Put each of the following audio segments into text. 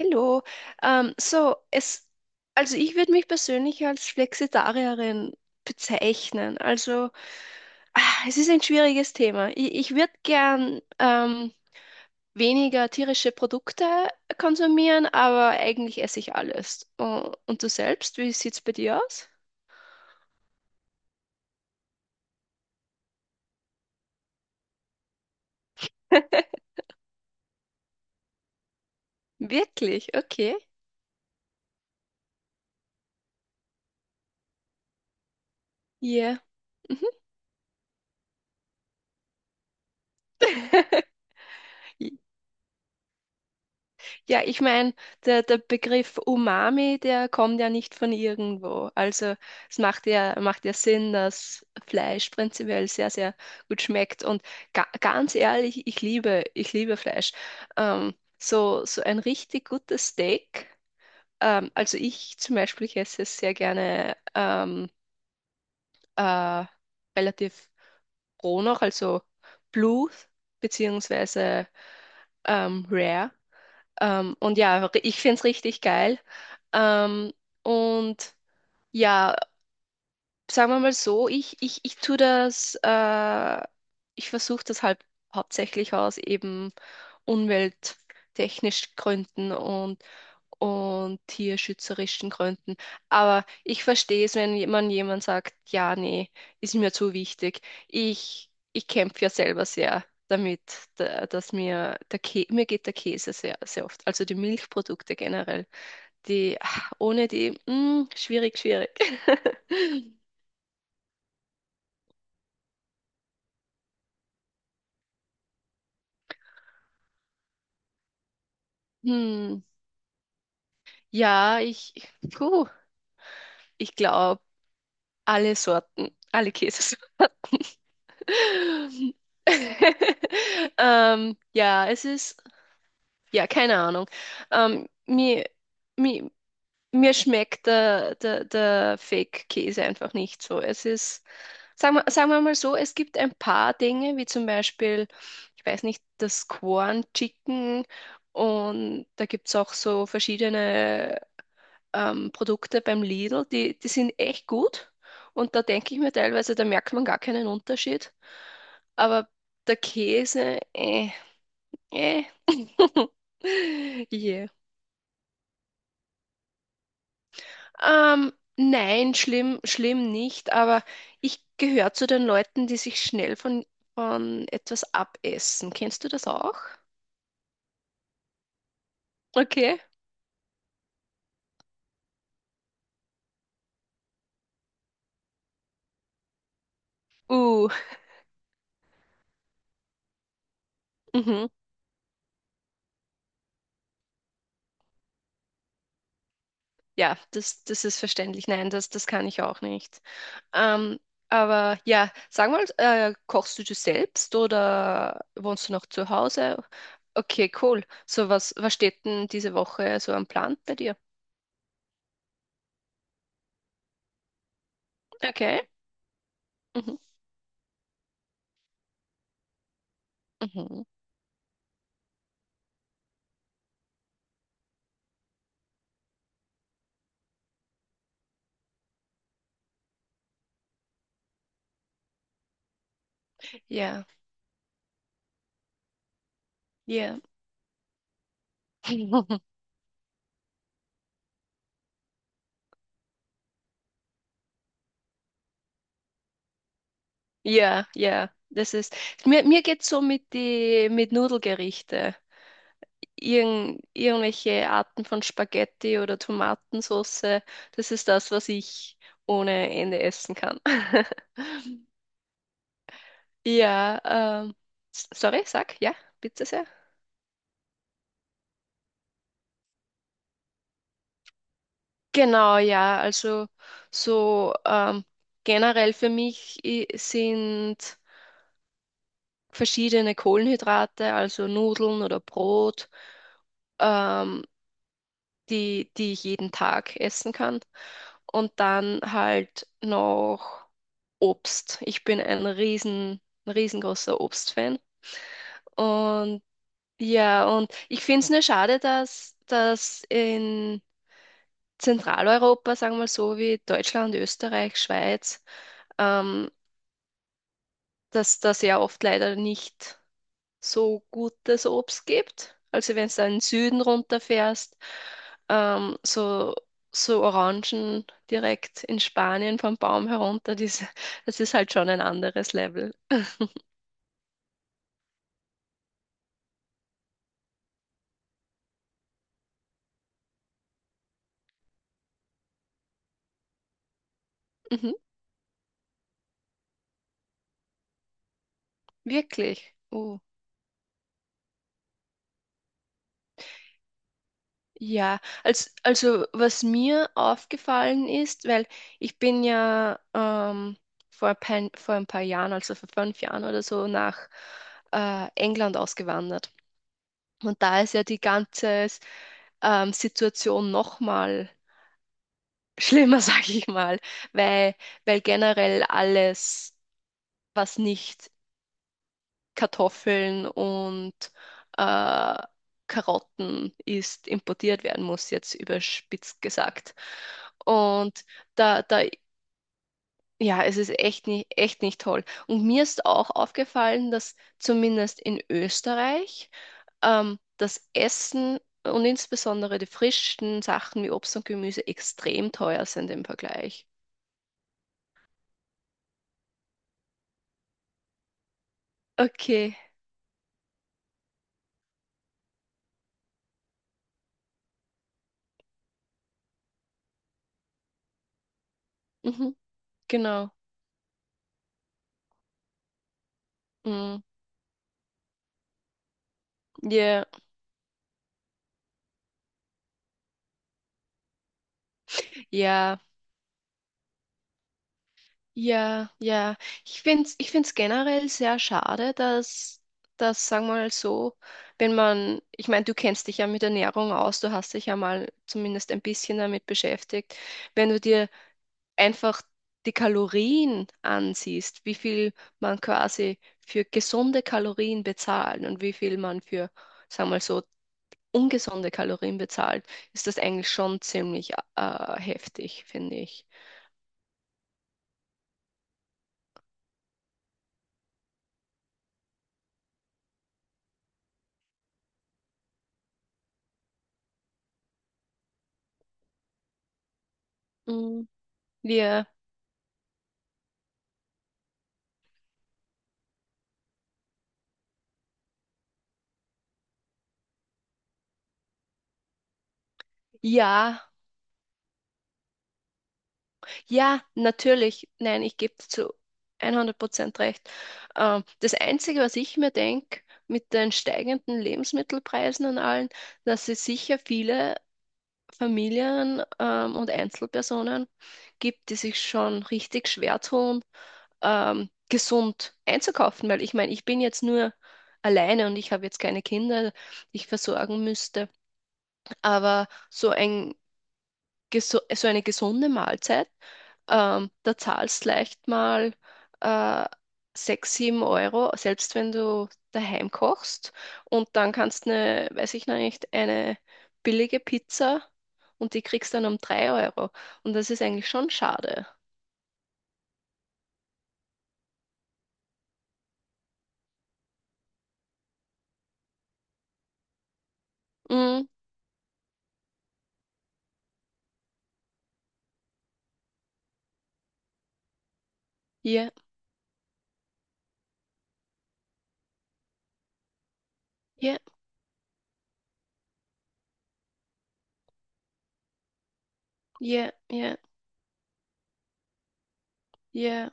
Hallo. Ähm, so, es, also ich würde mich persönlich als Flexitarierin bezeichnen. Also, es ist ein schwieriges Thema. Ich würde gern weniger tierische Produkte konsumieren, aber eigentlich esse ich alles. Oh, und du selbst, wie sieht's bei dir aus? Wirklich? Okay. Yeah. Mhm. Ja, ich meine, der Begriff Umami, der kommt ja nicht von irgendwo. Also es macht ja Sinn, dass Fleisch prinzipiell sehr, sehr gut schmeckt. Und ga ganz ehrlich, ich liebe Fleisch. So, so ein richtig gutes Steak. Also ich zum Beispiel ich esse es sehr gerne, äh, relativ roh noch, also Blue beziehungsweise Rare. Und ja, ich finde es richtig geil. Ähm, und ja, sagen wir mal so, ich tue ich versuche das halt hauptsächlich aus eben umwelttechnisch Gründen und tierschützerischen Gründen. Aber ich verstehe es, wenn man jemand sagt, ja, nee, ist mir zu wichtig. Ich kämpfe ja selber sehr damit, dass mir geht der Käse sehr, sehr oft, also die Milchprodukte generell. Die, ohne die, schwierig, schwierig. Hm, ja, ich, puh, ich glaube, alle Sorten, alle Käse. Ähm, ja, es ist, ja, keine Ahnung. Ähm, mir, mir, mir schmeckt der Fake-Käse einfach nicht so. Es ist, sagen wir, Sagen wir mal so, es gibt ein paar Dinge, wie zum Beispiel, ich weiß nicht, das Corn Chicken, und da gibt es auch so verschiedene Produkte beim Lidl, die sind echt gut. Und da denke ich mir teilweise, da merkt man gar keinen Unterschied. Aber der Käse, äh. Yeah. Nein, schlimm, schlimm nicht, aber ich gehöre zu den Leuten, die sich schnell von etwas abessen. Kennst du das auch? Okay. Uh. Mhm. Ja, das ist verständlich. Nein, das kann ich auch nicht. Ähm, aber ja, sag mal, kochst du das selbst oder wohnst du noch zu Hause? Okay, cool. So, was steht denn diese Woche so am Plan bei dir? Okay. Mhm. Mhm. Ja, ja. Ja, ja. Mir geht's so mit Nudelgerichte, irgendwelche Arten von Spaghetti oder Tomatensauce. Das ist das, was ich ohne Ende essen kann. Ja, sorry, bitte sehr. Genau, ja, also so, generell für mich sind verschiedene Kohlenhydrate, also Nudeln oder Brot, ähm, die ich jeden Tag essen kann. Und dann halt noch Obst. Ich bin ein riesengroßer Obstfan. Und ja, und ich finde es nur schade, dass in Zentraleuropa, sagen wir mal so, wie Deutschland, Österreich, Schweiz, ähm, dass da sehr oft leider nicht so gutes Obst gibt. Also wenn du da in den Süden runterfährst, so, so Orangen direkt in Spanien vom Baum herunter, das ist halt schon ein anderes Level. Mhm, wirklich. Oh. Ja, also was mir aufgefallen ist, weil ich bin ja vor ein paar Jahren, also vor 5 Jahren oder so, nach England ausgewandert. Und da ist ja die ganze Situation nochmal schlimmer, sag ich mal, weil, weil generell alles, was nicht Kartoffeln und äh, Karotten ist, importiert werden muss, jetzt überspitzt gesagt. Und da, da Ja, es ist echt nicht toll. Und mir ist auch aufgefallen, dass zumindest in Österreich das Essen und insbesondere die frischen Sachen wie Obst und Gemüse extrem teuer sind im Vergleich. Okay, mhm, genau. Mm. Ja, ja. Ja, ja. Ich finde es Ich find's generell sehr schade, dass, sagen wir mal so, wenn man, ich meine, du kennst dich ja mit Ernährung aus, du hast dich ja mal zumindest ein bisschen damit beschäftigt, wenn du dir einfach die Kalorien ansiehst, wie viel man quasi für gesunde Kalorien bezahlt und wie viel man für, sagen wir mal so, ungesunde Kalorien bezahlt, ist das eigentlich schon ziemlich heftig, finde ich. Mm. Wir, ja. Ja, natürlich. Nein, ich gebe dir zu 100% recht. Das Einzige, was ich mir denke, mit den steigenden Lebensmittelpreisen und allen, dass es sicher viele Familien und Einzelpersonen gibt, die sich schon richtig schwer tun, gesund einzukaufen. Weil ich meine, ich bin jetzt nur alleine und ich habe jetzt keine Kinder, die ich versorgen müsste. Aber so ein geso so eine gesunde Mahlzeit, da zahlst leicht mal äh, 6, 7 Euro, selbst wenn du daheim kochst. Und dann kannst du eine, weiß ich noch nicht, eine billige Pizza, und die kriegst dann um 3 Euro. Und das ist eigentlich schon schade. Mm, ja, ja, ja, ja, ja.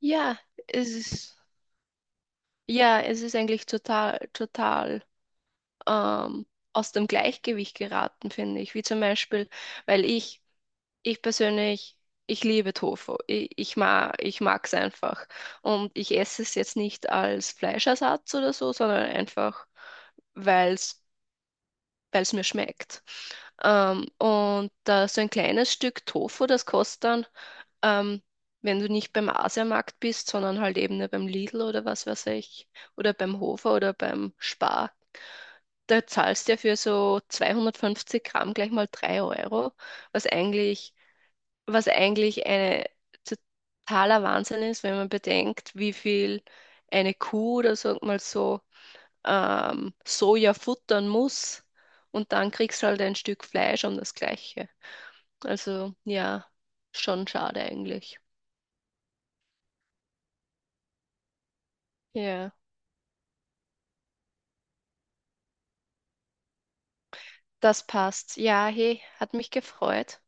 Ja, es ist, ja, es ist eigentlich total, total ähm, aus dem Gleichgewicht geraten, finde ich. Wie zum Beispiel, weil ich ich persönlich, ich liebe Tofu. Ich, ich mag es einfach. Und ich esse es jetzt nicht als Fleischersatz oder so, sondern einfach, weil es, weil es mir schmeckt. Und da so ein kleines Stück Tofu, das kostet dann, ähm, wenn du nicht beim Asiamarkt bist, sondern halt eben nur beim Lidl oder was weiß ich, oder beim Hofer oder beim Spar, da zahlst du ja für so 250 Gramm gleich mal 3 Euro, was eigentlich was eigentlich eine totaler Wahnsinn ist, wenn man bedenkt, wie viel eine Kuh oder sag mal so Soja futtern muss, und dann kriegst du halt ein Stück Fleisch um das Gleiche. Also ja, schon schade eigentlich. Ja, das passt. Ja, hey, hat mich gefreut.